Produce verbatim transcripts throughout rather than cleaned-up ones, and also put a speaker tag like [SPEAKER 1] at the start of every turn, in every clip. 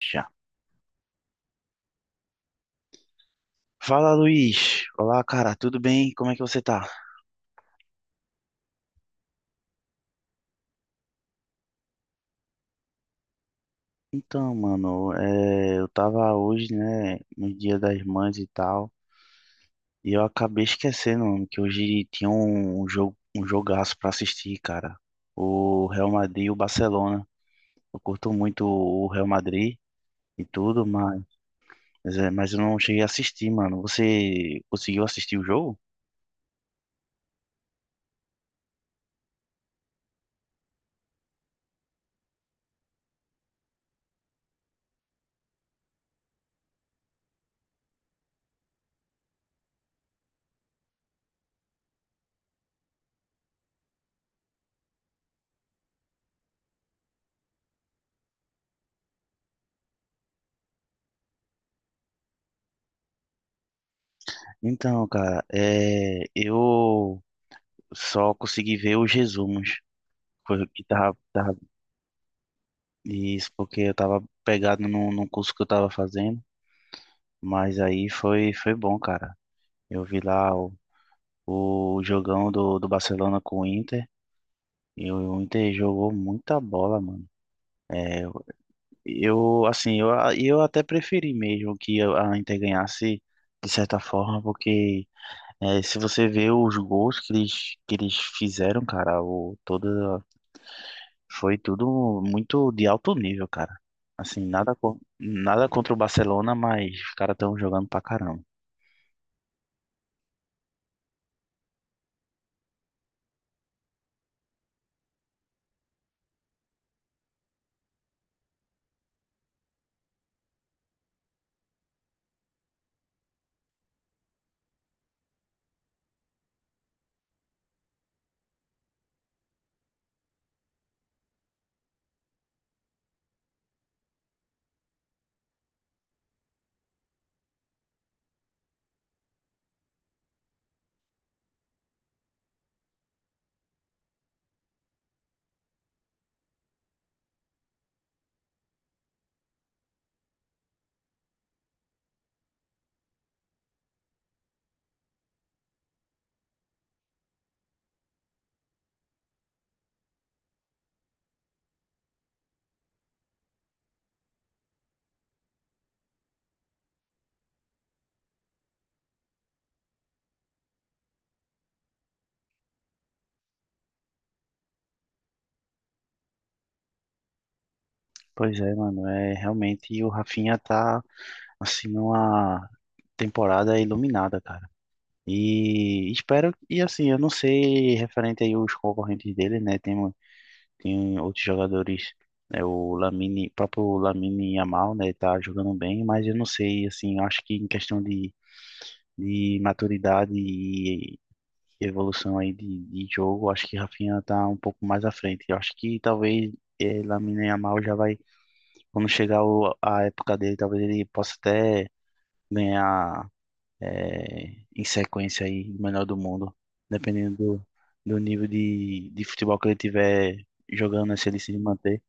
[SPEAKER 1] Já. Fala, Luiz. Olá, cara, tudo bem? Como é que você tá? Então, mano, é, eu tava hoje, né, no Dia das Mães e tal, e eu acabei esquecendo, mano, que hoje tinha um, um jogo, um jogaço pra assistir, cara. O Real Madrid e o Barcelona. Eu curto muito o Real Madrid e tudo, mas, mas é, mas eu não cheguei a assistir, mano. Você conseguiu assistir o jogo? Então, cara, é, eu só consegui ver os resumos. Foi o que tava, tava E Isso, porque eu tava pegado num, num curso que eu tava fazendo, mas aí foi, foi bom, cara. Eu vi lá o, o jogão do, do Barcelona com o Inter, e o Inter jogou muita bola, mano. É, eu, assim, eu, eu até preferi mesmo que a Inter ganhasse, de certa forma, porque é, se você vê os gols que eles, que eles fizeram, cara, o, toda Foi tudo muito de alto nível, cara. Assim, nada, co- nada contra o Barcelona, mas os caras estão jogando pra caramba. Pois é, mano, é realmente o Rafinha tá assim numa temporada iluminada, cara. E espero e assim, eu não sei referente aí os concorrentes dele, né? Tem, tem outros jogadores, né? O Lamine, próprio Lamine Yamal, né, tá jogando bem, mas eu não sei assim, eu acho que em questão de de maturidade e evolução aí de, de jogo, acho que Rafinha tá um pouco mais à frente. Eu acho que talvez eh, Lamine Yamal já vai, quando chegar o- a época dele, talvez ele possa até ganhar eh, em sequência aí o melhor do mundo, dependendo do, do nível de, de futebol que ele tiver jogando, né, se ele se manter.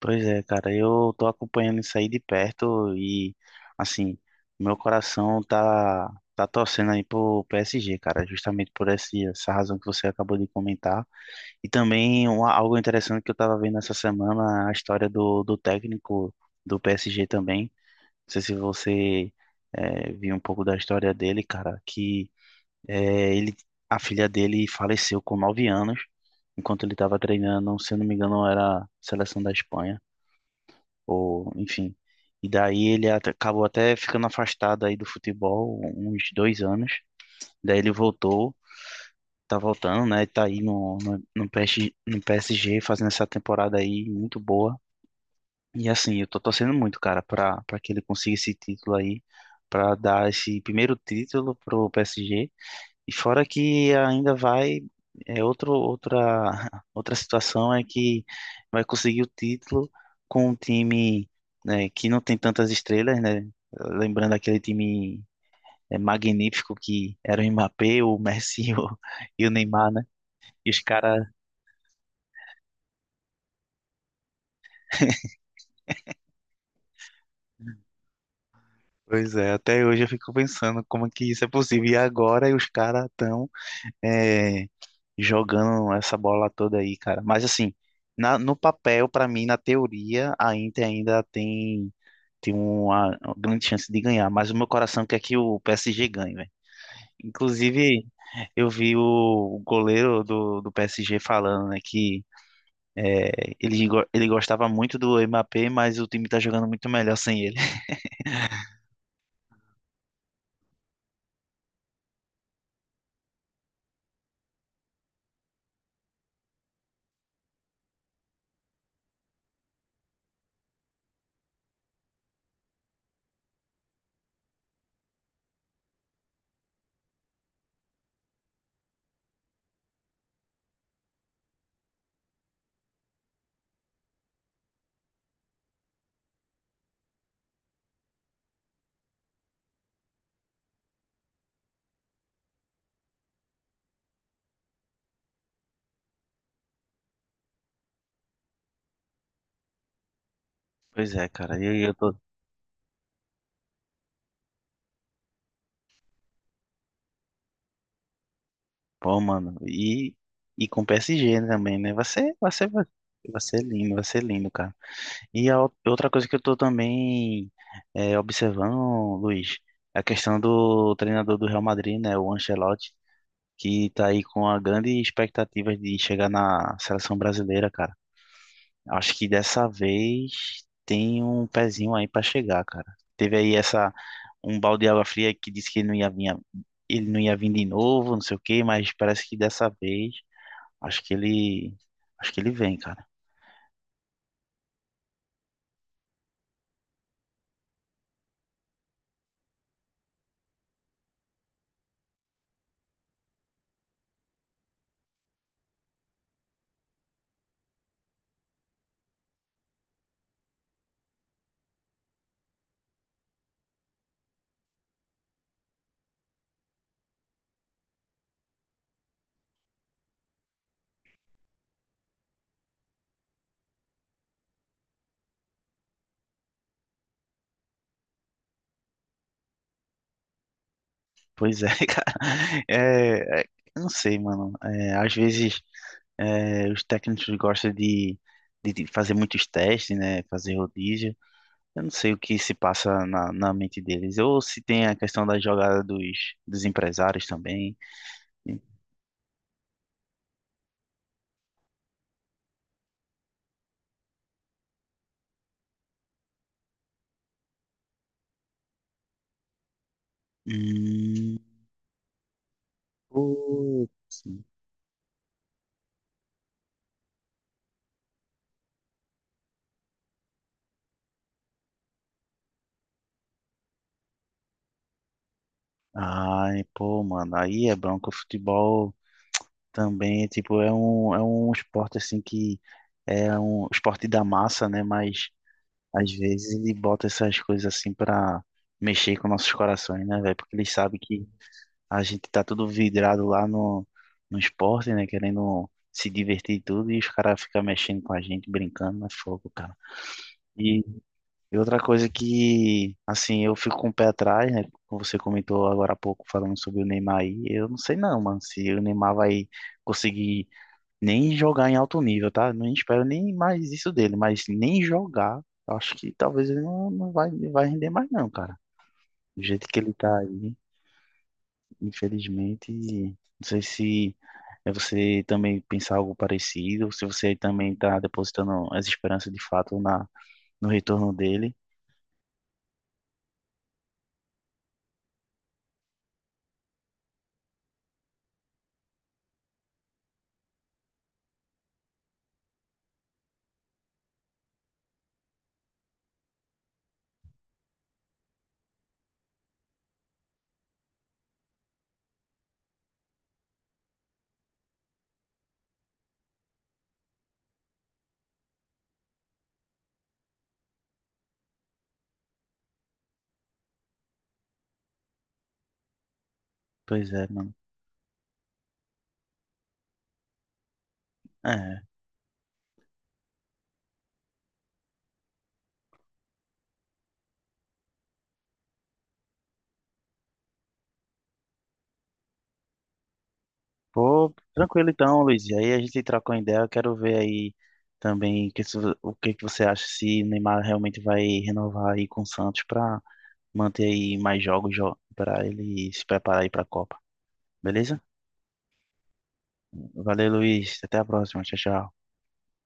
[SPEAKER 1] Pois é, cara, eu tô acompanhando isso aí de perto e, assim, meu coração tá, tá torcendo aí pro P S G, cara, justamente por esse, essa razão que você acabou de comentar. E também um, algo interessante que eu tava vendo essa semana, a história do, do técnico do P S G também. Não sei se você eh, viu um pouco da história dele, cara, que eh, ele, a filha dele faleceu com nove anos, enquanto ele tava treinando, se eu não me engano, era a seleção da Espanha ou enfim. E daí ele at- acabou até ficando afastado aí do futebol uns dois anos. Daí ele voltou, tá voltando, né? Tá aí no, no, no P S G, no P S G fazendo essa temporada aí muito boa. E assim, eu tô torcendo muito, cara, pra, pra que ele consiga esse título aí, pra dar esse primeiro título pro P S G e fora que ainda vai, é outro, outra, outra situação é que vai conseguir o título com um time, né, que não tem tantas estrelas, né? Lembrando aquele time é, magnífico que era o Mbappé, o Messi e o, e o Neymar, né? E os caras, pois é, até hoje eu fico pensando como é que isso é possível. E agora os caras estão é, jogando essa bola toda aí, cara. Mas assim, na- no papel, pra mim, na teoria, a Inter ainda tem, tem uma grande chance de ganhar. Mas o meu coração quer que o P S G ganhe, velho. Inclusive, eu vi o goleiro do, do P S G falando, né, que é, ele, go- ele gostava muito do Mbappé, mas o time tá jogando muito melhor sem ele. Pois é, cara. eu, eu tô, Pô, mano, e, e com o P S G também, né? Vai ser, vai ser, vai ser lindo, vai ser lindo, cara. E a ou- outra coisa que eu tô também é, observando, Luiz, é a questão do treinador do Real Madrid, né? O Ancelotti, que tá aí com a grande expectativa de chegar na seleção brasileira, cara. Acho que dessa vez tem um pezinho aí pra chegar, cara. Teve aí essa, um balde de água fria que disse que ele não ia vir, ele não ia vir de novo, não sei o quê, mas parece que dessa vez. Acho que ele. Acho que ele vem, cara. Pois é, cara. É, é, eu não sei, mano. É, às vezes é, os técnicos gostam de, de, de fazer muitos testes, né? Fazer rodízio. Eu não sei o que se passa na, na mente deles. Ou se tem a questão da jogada dos, dos empresários também. Hum, putz. Ai, pô, mano. Aí é bronco. O futebol. Também, tipo, é um, é um esporte assim que é um esporte da massa, né? Mas às vezes ele bota essas coisas assim pra mexer com nossos corações, né, velho? Porque ele sabe que a gente tá tudo vidrado lá no, no esporte, né? Querendo se divertir e tudo, e os caras ficam mexendo com a gente, brincando, é fogo, cara. E e outra coisa que, assim, eu fico com o pé atrás, né? Como você comentou agora há pouco, falando sobre o Neymar aí, eu não sei não, mano, se o Neymar vai conseguir nem jogar em alto nível, tá? Não espero nem mais isso dele, mas nem jogar, eu acho que talvez ele não, não vai, vai render mais não, cara. Do jeito que ele tá aí, infelizmente, não sei se é você também pensar algo parecido, se você também tá depositando as esperanças de fato na, no retorno dele. Pois é, mano. É. Pô, tranquilo então, Luiz. E aí a gente trocou ideia, eu quero ver aí também que, se- o que que você acha se o Neymar realmente vai renovar aí com o Santos para manter aí mais jogos para ele se preparar aí para a Copa. Beleza? Valeu, Luiz. Até a próxima. Tchau, tchau.